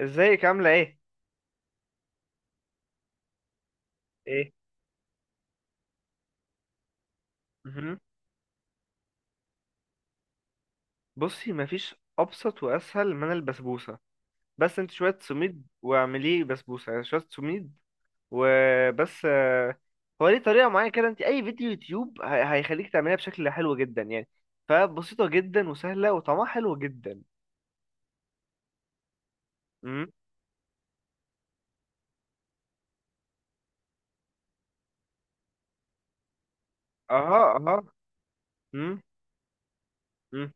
ازيك عاملة ايه؟ ايه مهم. بصي مفيش أبسط وأسهل من البسبوسة. بس انت شوية سميد واعمليه بسبوسة، يعني شوية سميد وبس. هو ليه طريقة معينة كده. انت أي فيديو يوتيوب هيخليك تعمليها بشكل حلو جدا يعني. فبسيطة جدا وسهلة وطعمها حلو جدا. مم. اها اها. مم. مم.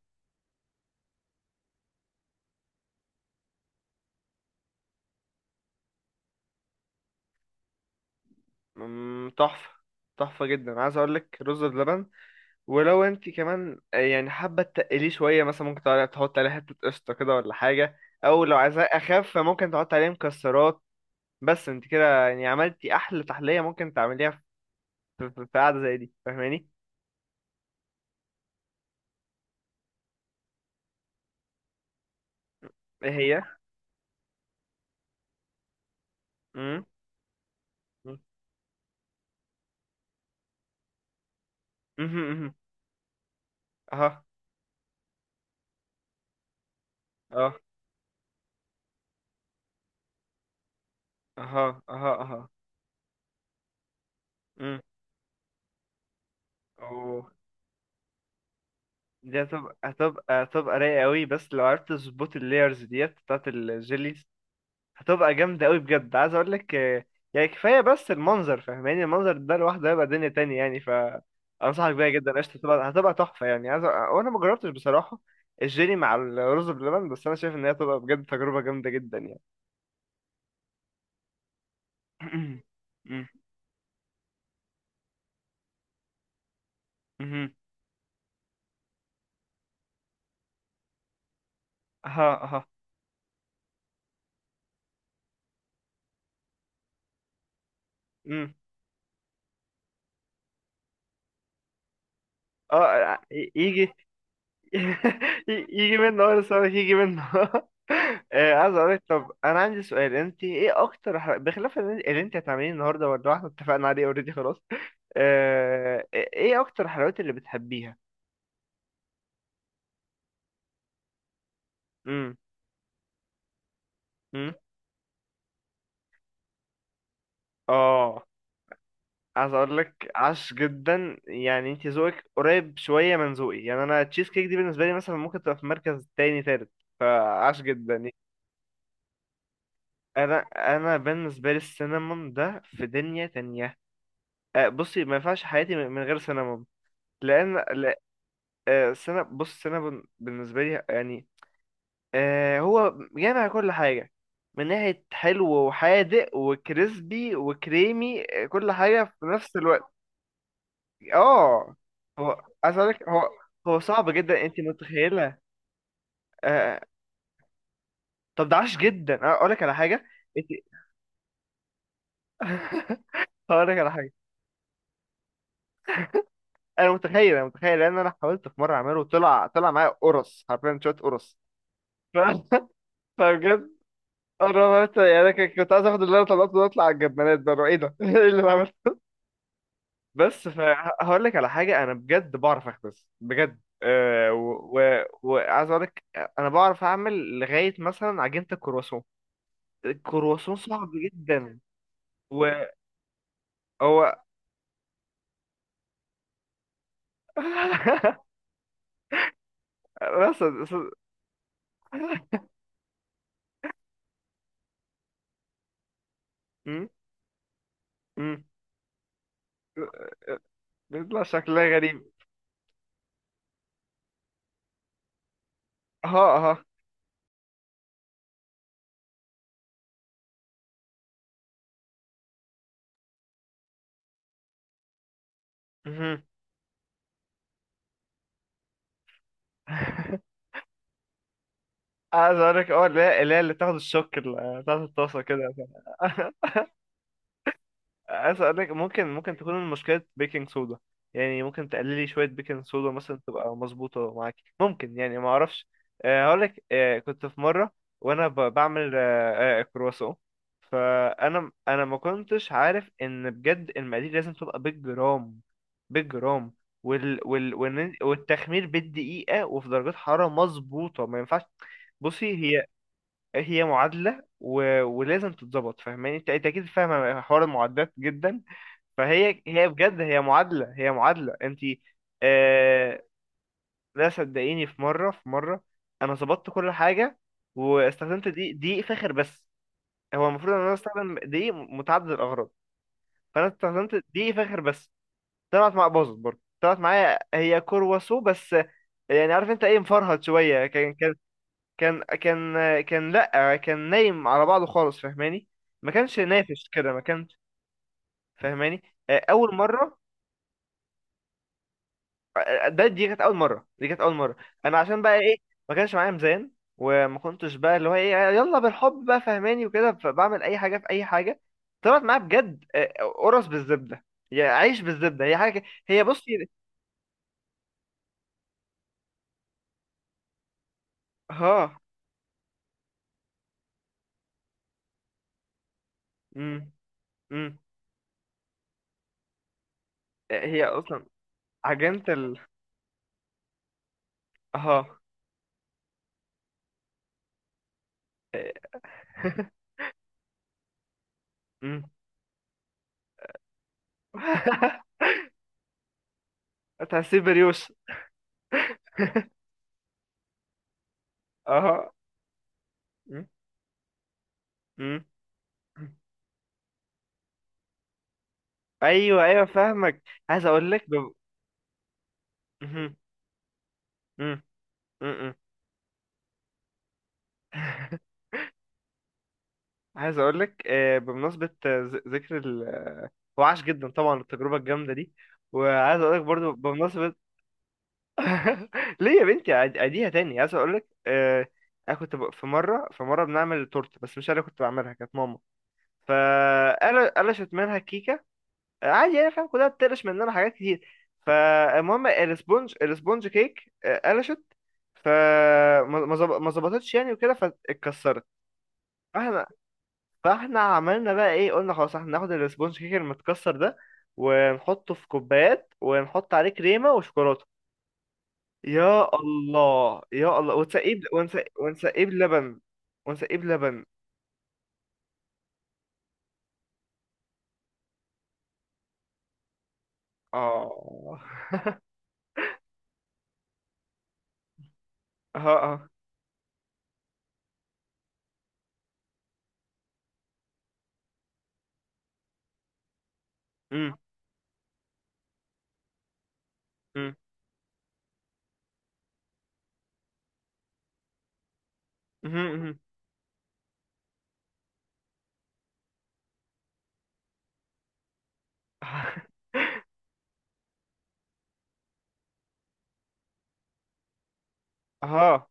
مم. تحفة، تحفة جدا. عايز أقولك رز بلبن. ولو انت كمان يعني حابه تقليه شويه، مثلا ممكن تحط عليه حته قشطه كده ولا حاجه. او لو عايزاه اخف فممكن تحط عليه مكسرات. بس انت كده يعني عملتي احلى تحليه ممكن تعمليها في قعده زي دي، فاهماني؟ ايه هي؟ امم، امم، امم. اها، اه، اها اها اها. امم. اوه، دي هتبقى رايقه قوي، بس لو عرفت تظبط اللايرز ديت بتاعت الجيلي هتبقى جامدة قوي بجد. عايز اقول لك يعني كفاية بس المنظر، فاهماني؟ المنظر ده لوحده هيبقى دنيا تانية يعني. ف انصحك بيها جدا قشطة. هتبقى تحفة يعني. عايز وانا ما جربتش بصراحة الجيلي مع الرز بلبن، بس انا شايف ان هي هتبقى بجد تجربة جامدة جدا يعني. مم. مهم. اها اها. مم. اه، يجي. يجي منه اه، لسه هقولك يجي منه. عايز اقولك، طب انا عندي سؤال. انت ايه اكتر بخلاف اللي انت هتعمليه النهارده، ولا احنا اتفقنا عليه اوريدي خلاص؟ ايه اكتر الحلويات اللي بتحبيها؟ امم، امم، اه. عايز اقول لك عاش جدا. يعني انت ذوقك قريب شويه من ذوقي. يعني انا تشيز كيك دي بالنسبه لي مثلا ممكن تبقى في مركز تاني تالت، فعاش جدا يعني. انا بالنسبه لي السينامون ده في دنيا تانية. بصي ما ينفعش حياتي من غير سينامون. لان لا. بص السينامون بالنسبه لي يعني آه هو جامع كل حاجة. من ناحية حلو وحادق وكريسبي وكريمي، كل حاجة في نفس الوقت. اه هو عايز أقولك، هو هو صعب جدا، انت متخيلة؟ آه. طب ده عاش جدا. أنا أقولك على حاجة. انت. هقولك على حاجة. أنا متخيل لأن أنا حاولت في مرة أعمله، طلع معايا قرص حرفيا، شوية قرص. ف- فبجد أنا ما- يعني أنا كنت عايز آخد اللي أنا طلعته ده أطلع على الجبانات بقى. إيه ده؟ إيه اللي بعمله؟ بس فهقول لك على حاجه. انا بجد بعرف اخبز بجد. أه وعايز اقول لك انا بعرف اعمل لغايه مثلا عجينه الكرواسون. الكرواسون صعب جدا. وهو بس بس- م- م- بيطلع شكلها غريب. ها ها مهم. عايز اقول لك اه، لا لا، اللي تاخد الشوك بتاعت الطاسه كده. عايز اقولك ممكن، ممكن تكون المشكلة بيكنج صودا. يعني ممكن تقللي شوية بيكنج صودا مثلا تبقى مظبوطة معاكي، ممكن، يعني ما اعرفش. هقولك، كنت في مرة وانا بعمل كرواسون. فانا ما كنتش عارف ان بجد المقادير لازم تبقى بالجرام، بالجرام. وال وال والتخمير بالدقيقة وفي درجات حرارة مظبوطة، ما ينفعش. بصي هي، هي معادلة و... ولازم تتظبط، فاهماني انت؟ أنت اكيد فاهمة حوار المعادلات جدا. فهي بجد هي معادلة، هي معادلة انت. آه. لا صدقيني، في مرة انا ظبطت كل حاجة، واستخدمت دقيق فاخر بس. هو المفروض ان انا استخدم دقيق متعدد الاغراض، فانا استخدمت دقيق فاخر بس. طلعت مع، باظت برضه، طلعت معايا هي كرواسو بس. يعني عارف انت ايه، مفرهد شوية. كان كان، لا كان نايم على بعضه خالص، فاهماني؟ ما كانش نافش كده، ما كانش. فاهماني؟ اول مرة. آه، دي كانت اول مره، دي كانت اول مره. انا عشان بقى ايه، ما كانش معايا ميزان. وما كنتش بقى اللي هو ايه، يلا بالحب بقى فهماني وكده، فبعمل اي حاجه في اي حاجه. طلعت معايا بجد قرص بالزبده، يا عيش بالزبده. هي حاجه، هي بصي. ها. امم، امم. هي اصلا عجينه ال. ها. امم. تحسيه بريوش. اه. مم. مم. ايوه ايوه فاهمك. عايز اقول لك بب... مم. مم. مم. عايز اقول لك بمناسبه ذكر ال... هو عاش جدا طبعا التجربه الجامده دي. وعايز اقول لك برضو بمناسبه. ليه يا بنتي؟ اديها تاني. عايز اقول لك انا كنت في مره بنعمل تورته، بس مش انا اللي كنت بعملها، كانت ماما. فقال قلشت منها الكيكه. عادي يعني، فاهم؟ كلها بتقلش مننا حاجات كتير. فالمهم الاسبونج كيك قلشت. فما ما ما ظبطتش يعني وكده، فاتكسرت. فاحنا عملنا بقى ايه، قلنا خلاص احنا هناخد السبونج كيك المتكسر ده ونحطه في كوبايات ونحط عليه كريمة وشوكولاتة. يا الله ونسقيه ونسقيه بلبن، ونسقيه بلبن. اه. اه اه. أمم، أمم، أمم، أمم. اه.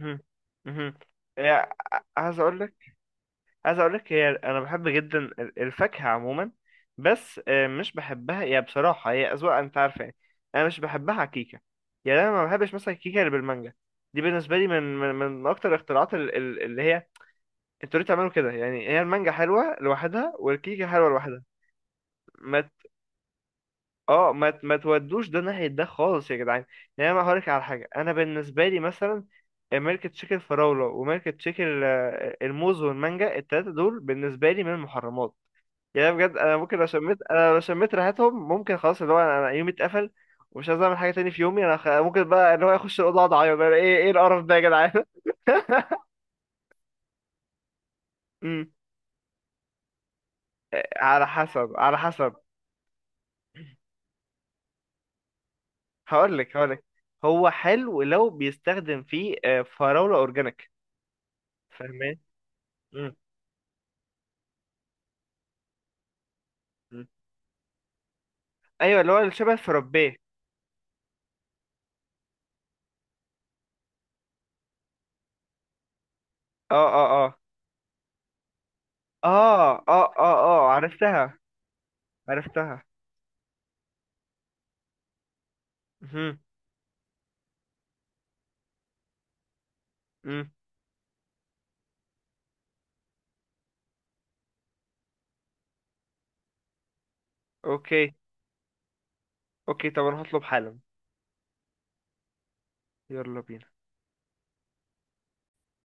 أمم، أمم. يعني عايز اقول لك، هي انا بحب جدا الفاكهه عموما، بس مش بحبها يا، بصراحه هي اذواق انت عارفه يعني. انا مش بحبها على كيكه. يعني انا ما بحبش مثلا الكيكه اللي بالمانجا. دي بالنسبه لي من، من, من اكتر الاختراعات اللي هي انتوا ليه تعملوا كده يعني؟ هي المانجا حلوه لوحدها والكيكه حلوه لوحدها. ما ت- اه، ما تودوش ده ناحيه ده خالص يا جدعان. يعني انا هقول لك على حاجه. انا بالنسبه لي مثلا ميلك تشيك الفراوله وميلك تشيك الموز والمانجا، التلاته دول بالنسبه لي من المحرمات. يعني بجد انا ممكن لو شميت، انا لو شميت ريحتهم ممكن خلاص اللي هو انا، أنا يومي اتقفل، ومش عايز اعمل حاجه تاني في يومي. انا خ... ممكن بقى اللي هو اخش الاوضه اقعد اعيط بقى، ايه، ايه القرف ده يا جدعان؟ امم. على حسب على حسب. هقول لك هو حلو لو بيستخدم فيه فراوله اورجانيك. فاهمين. امم، امم. ايوه، اللي هو اللي شبه الفرابيه. اه اه اه اه، اه اه اه، عرفتها، عرفتها. امم. اوكي. اوكي، طب انا هطلب حالا. يلا بينا